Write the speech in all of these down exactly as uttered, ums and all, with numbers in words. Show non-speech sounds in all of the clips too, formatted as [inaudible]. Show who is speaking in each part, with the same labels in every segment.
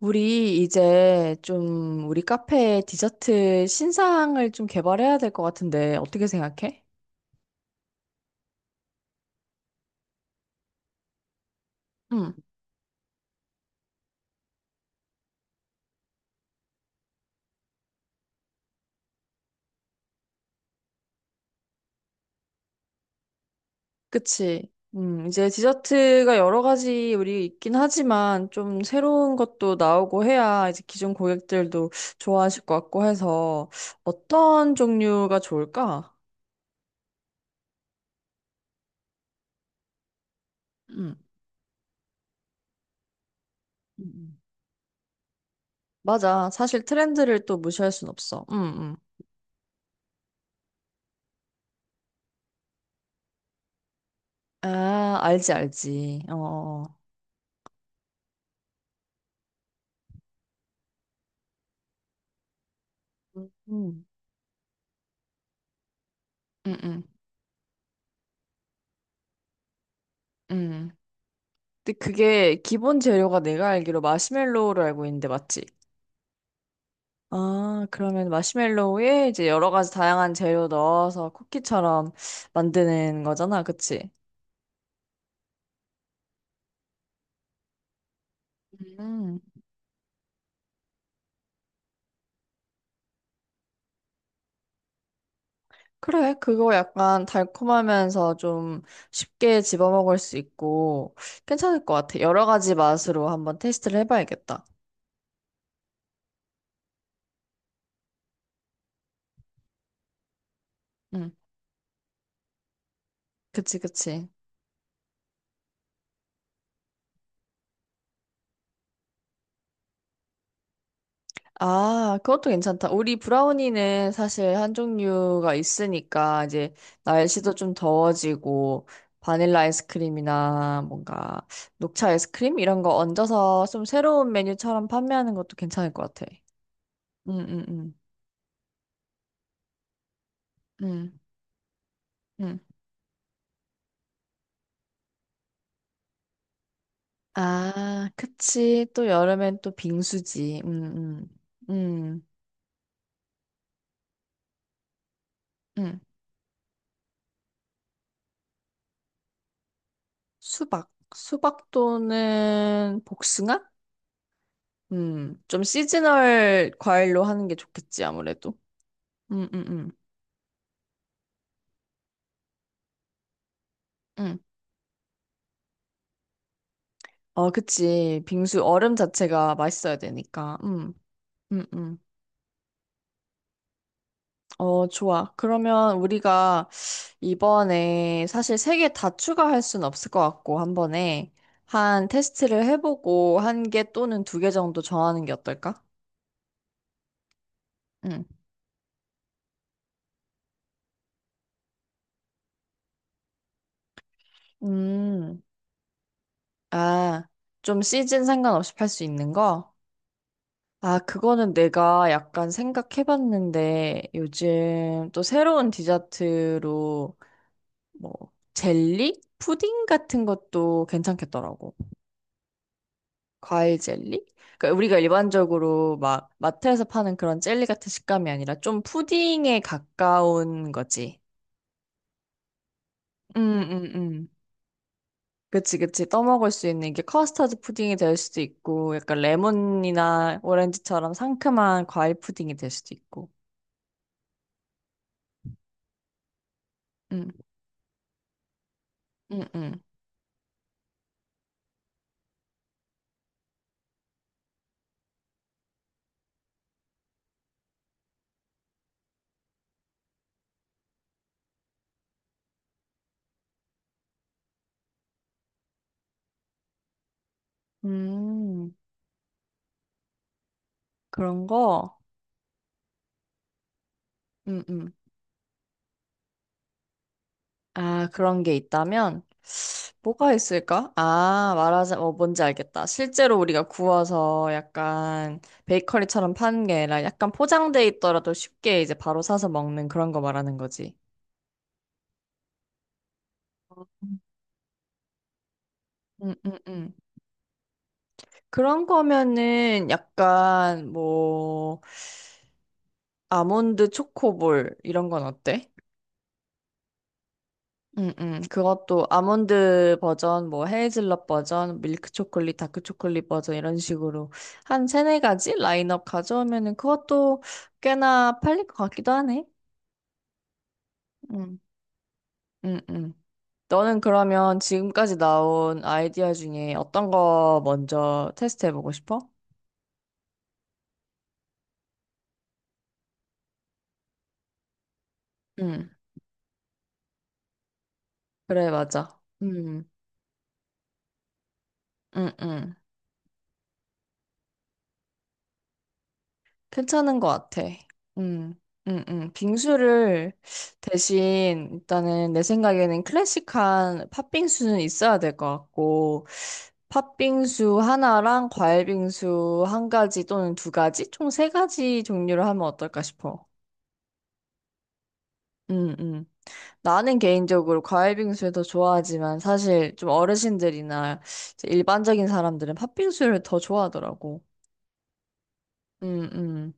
Speaker 1: 우리 이제 좀 우리 카페 디저트 신상을 좀 개발해야 될 것 같은데 어떻게 생각해? 응, 그치. 음, 이제 디저트가 여러 가지 우리 있긴 하지만 좀 새로운 것도 나오고 해야 이제 기존 고객들도 좋아하실 것 같고 해서 어떤 종류가 좋을까? 응, 음, 음. 맞아. 사실 트렌드를 또 무시할 순 없어. 응, 응. 아, 알지, 알지. 어, 어. 음, 응, 응, 응. 근데 그게 기본 재료가 내가 알기로 마시멜로우를 알고 있는데 맞지? 아, 그러면 마시멜로우에 이제 여러 가지 다양한 재료 넣어서 쿠키처럼 만드는 거잖아, 그치? 음. 그래, 그거 약간 달콤하면서 좀 쉽게 집어먹을 수 있고 괜찮을 것 같아. 여러 가지 맛으로 한번 테스트를 해봐야겠다. 응, 그치, 그치. 아, 그것도 괜찮다. 우리 브라우니는 사실 한 종류가 있으니까 이제 날씨도 좀 더워지고 바닐라 아이스크림이나 뭔가 녹차 아이스크림 이런 거 얹어서 좀 새로운 메뉴처럼 판매하는 것도 괜찮을 것 같아. 응응응응응. 아, 그치. 또 여름엔 또 빙수지. 응응응응. 수박. 수박도는 복숭아? 음, 좀 시즈널 과일로 하는 게 좋겠지, 아무래도. 음, 음, 음. 음. 어, 그치. 빙수 얼음 자체가 맛있어야 되니까. 음, 음, 음. 어, 좋아. 그러면 우리가 이번에 사실 세 개 다 추가할 순 없을 것 같고, 한 번에 한 테스트를 해보고 한 개 또는 두 개 정도 정하는 게 어떨까? 음. 음. 아, 좀 시즌 상관없이 팔 수 있는 거? 아, 그거는 내가 약간 생각해봤는데 요즘 또 새로운 디저트로 뭐 젤리? 푸딩 같은 것도 괜찮겠더라고. 과일 젤리? 그러니까 우리가 일반적으로 막 마트에서 파는 그런 젤리 같은 식감이 아니라 좀 푸딩에 가까운 거지. 음, 음, 음. 그치, 그치. 떠먹을 수 있는 게 커스터드 푸딩이 될 수도 있고, 약간 레몬이나 오렌지처럼 상큼한 과일 푸딩이 될 수도 있고. 음, 음, 음. 음, 그런 거? 음, 음. 아, 그런 게 있다면 뭐가 있을까? 아, 말하자, 어, 뭔지 알겠다. 실제로 우리가 구워서 약간 베이커리처럼 파는 게 아니라 약간 포장돼 있더라도 쉽게 이제 바로 사서 먹는 그런 거 말하는 거지. 음, 음, 음. 그런 거면은 약간 뭐 아몬드 초코볼 이런 건 어때? 음, 음. 그것도 아몬드 버전, 뭐 헤이즐넛 버전, 밀크 초콜릿, 다크 초콜릿 버전 이런 식으로 한 세네 가지 라인업 가져오면은 그것도 꽤나 팔릴 것 같기도 하네. 음, 음, 음. 너는 그러면 지금까지 나온 아이디어 중에 어떤 거 먼저 테스트해보고 싶어? 음, 그래, 맞아. 음, 음, 음. 괜찮은 것 같아. 음, 음, 음. 빙수를 대신 일단은 내 생각에는 클래식한 팥빙수는 있어야 될 것 같고, 팥빙수 하나랑 과일빙수 한 가지 또는 두 가지? 총 세 가지 종류를 하면 어떨까 싶어. 음, 음. 나는 개인적으로 과일빙수를 더 좋아하지만 사실 좀 어르신들이나 이제 일반적인 사람들은 팥빙수를 더 좋아하더라고. 음, 음.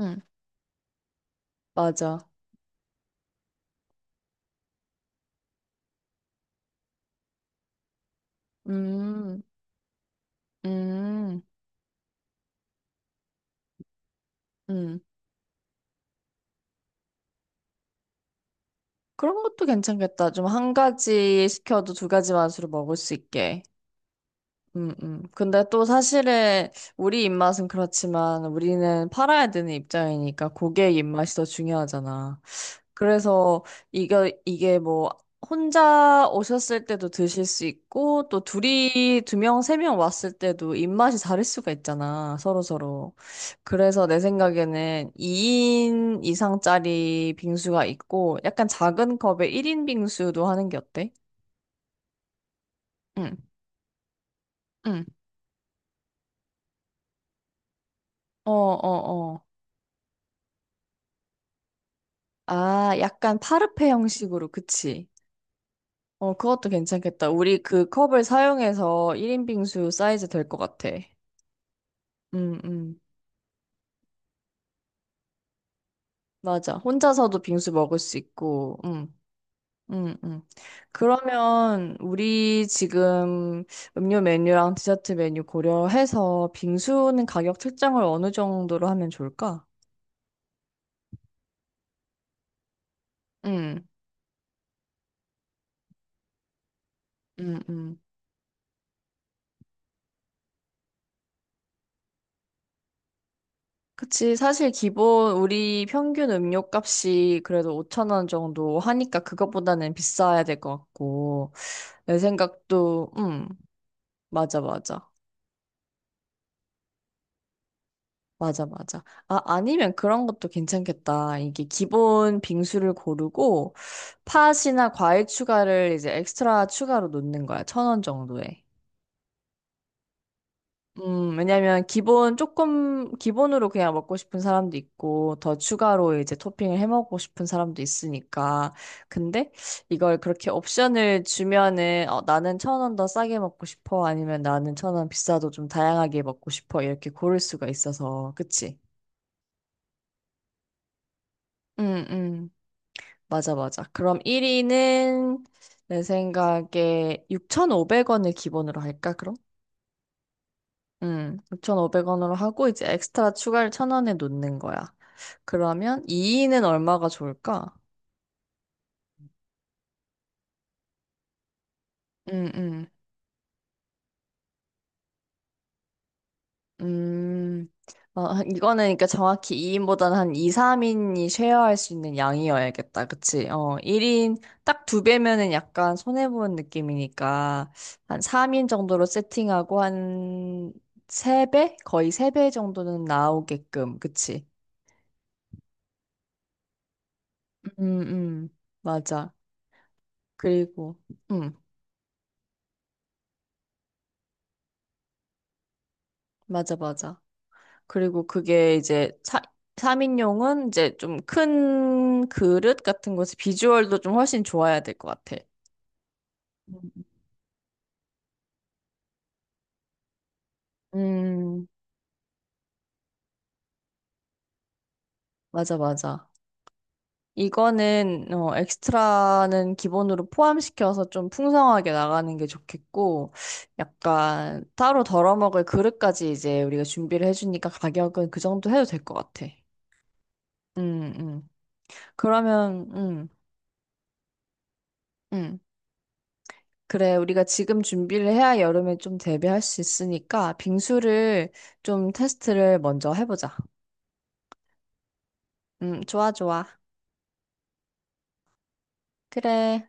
Speaker 1: 응, 맞아. 음. 음, 음. 그런 것도 괜찮겠다. 좀 한 가지 시켜도 두 가지 맛으로 먹을 수 있게. 음, 음. 근데 또 사실은 우리 입맛은 그렇지만 우리는 팔아야 되는 입장이니까 고객 입맛이 더 중요하잖아. 그래서 이거 이게 뭐 혼자 오셨을 때도 드실 수 있고 또 둘이 두 명, 세 명 왔을 때도 입맛이 다를 수가 있잖아. 서로서로. 그래서 내 생각에는 이 인 이상짜리 빙수가 있고 약간 작은 컵에 일 인 빙수도 하는 게 어때? 응, 응. 어, 어, 어. 아, 약간 파르페 형식으로, 그치? 어, 그것도 괜찮겠다. 우리 그 컵을 사용해서 일 인 빙수 사이즈 될 것 같아. 음, 음. 맞아. 혼자서도 빙수 먹을 수 있고, 음, 음, 음. 그러면 우리 지금 음료 메뉴랑 디저트 메뉴 고려해서 빙수는 가격 책정을 어느 정도로 하면 좋을까? 음, 음, 음. 그치. 사실 기본 우리 평균 음료값이 그래도 5천 원 정도 하니까 그것보다는 비싸야 될 것 같고. 내 생각도, 음, 맞아, 맞아. 맞아, 맞아. 아, 아니면 그런 것도 괜찮겠다. 이게 기본 빙수를 고르고 팥이나 과일 추가를 이제 엑스트라 추가로 놓는 거야. 천원 정도에. 음, 왜냐면 기본 조금 기본으로 그냥 먹고 싶은 사람도 있고 더 추가로 이제 토핑을 해 먹고 싶은 사람도 있으니까. 근데 이걸 그렇게 옵션을 주면은 어, 나는 천원 더 싸게 먹고 싶어 아니면 나는 천원 비싸도 좀 다양하게 먹고 싶어 이렇게 고를 수가 있어서. 그치? 음, 음. 맞아, 맞아. 그럼 일 위는 내 생각에 육천오백 원을 기본으로 할까? 그럼? 음, 육오 공 공 원으로 하고 이제 엑스트라 추가를 천 원에 놓는 거야. 그러면 이 인은 얼마가 좋을까? 음, 음. 음. 어, [laughs] 이거는 그러니까 정확히 이 인보다는 한 이, 삼 인이 쉐어할 수 있는 양이어야겠다. 그치? 어, 일 인 딱 두 배면은 약간 손해보는 느낌이니까 한 삼 인 정도로 세팅하고 한 세배 거의 세 배 정도는 나오게끔. 그치? 음, 음. 맞아. 그리고 음, 맞아, 맞아. 그리고 그게 이제 사, 삼 인용은 이제 좀 큰 그릇 같은 곳에 비주얼도 좀 훨씬 좋아야 될 것 같아. 음. 음, 맞아, 맞아. 이거는, 어, 엑스트라는 기본으로 포함시켜서 좀 풍성하게 나가는 게 좋겠고, 약간 따로 덜어먹을 그릇까지 이제 우리가 준비를 해주니까 가격은 그 정도 해도 될 것 같아. 음, 음. 그러면, 음, 음. 그래, 우리가 지금 준비를 해야 여름에 좀 대비할 수 있으니까 빙수를 좀 테스트를 먼저 해보자. 음, 좋아, 좋아. 그래.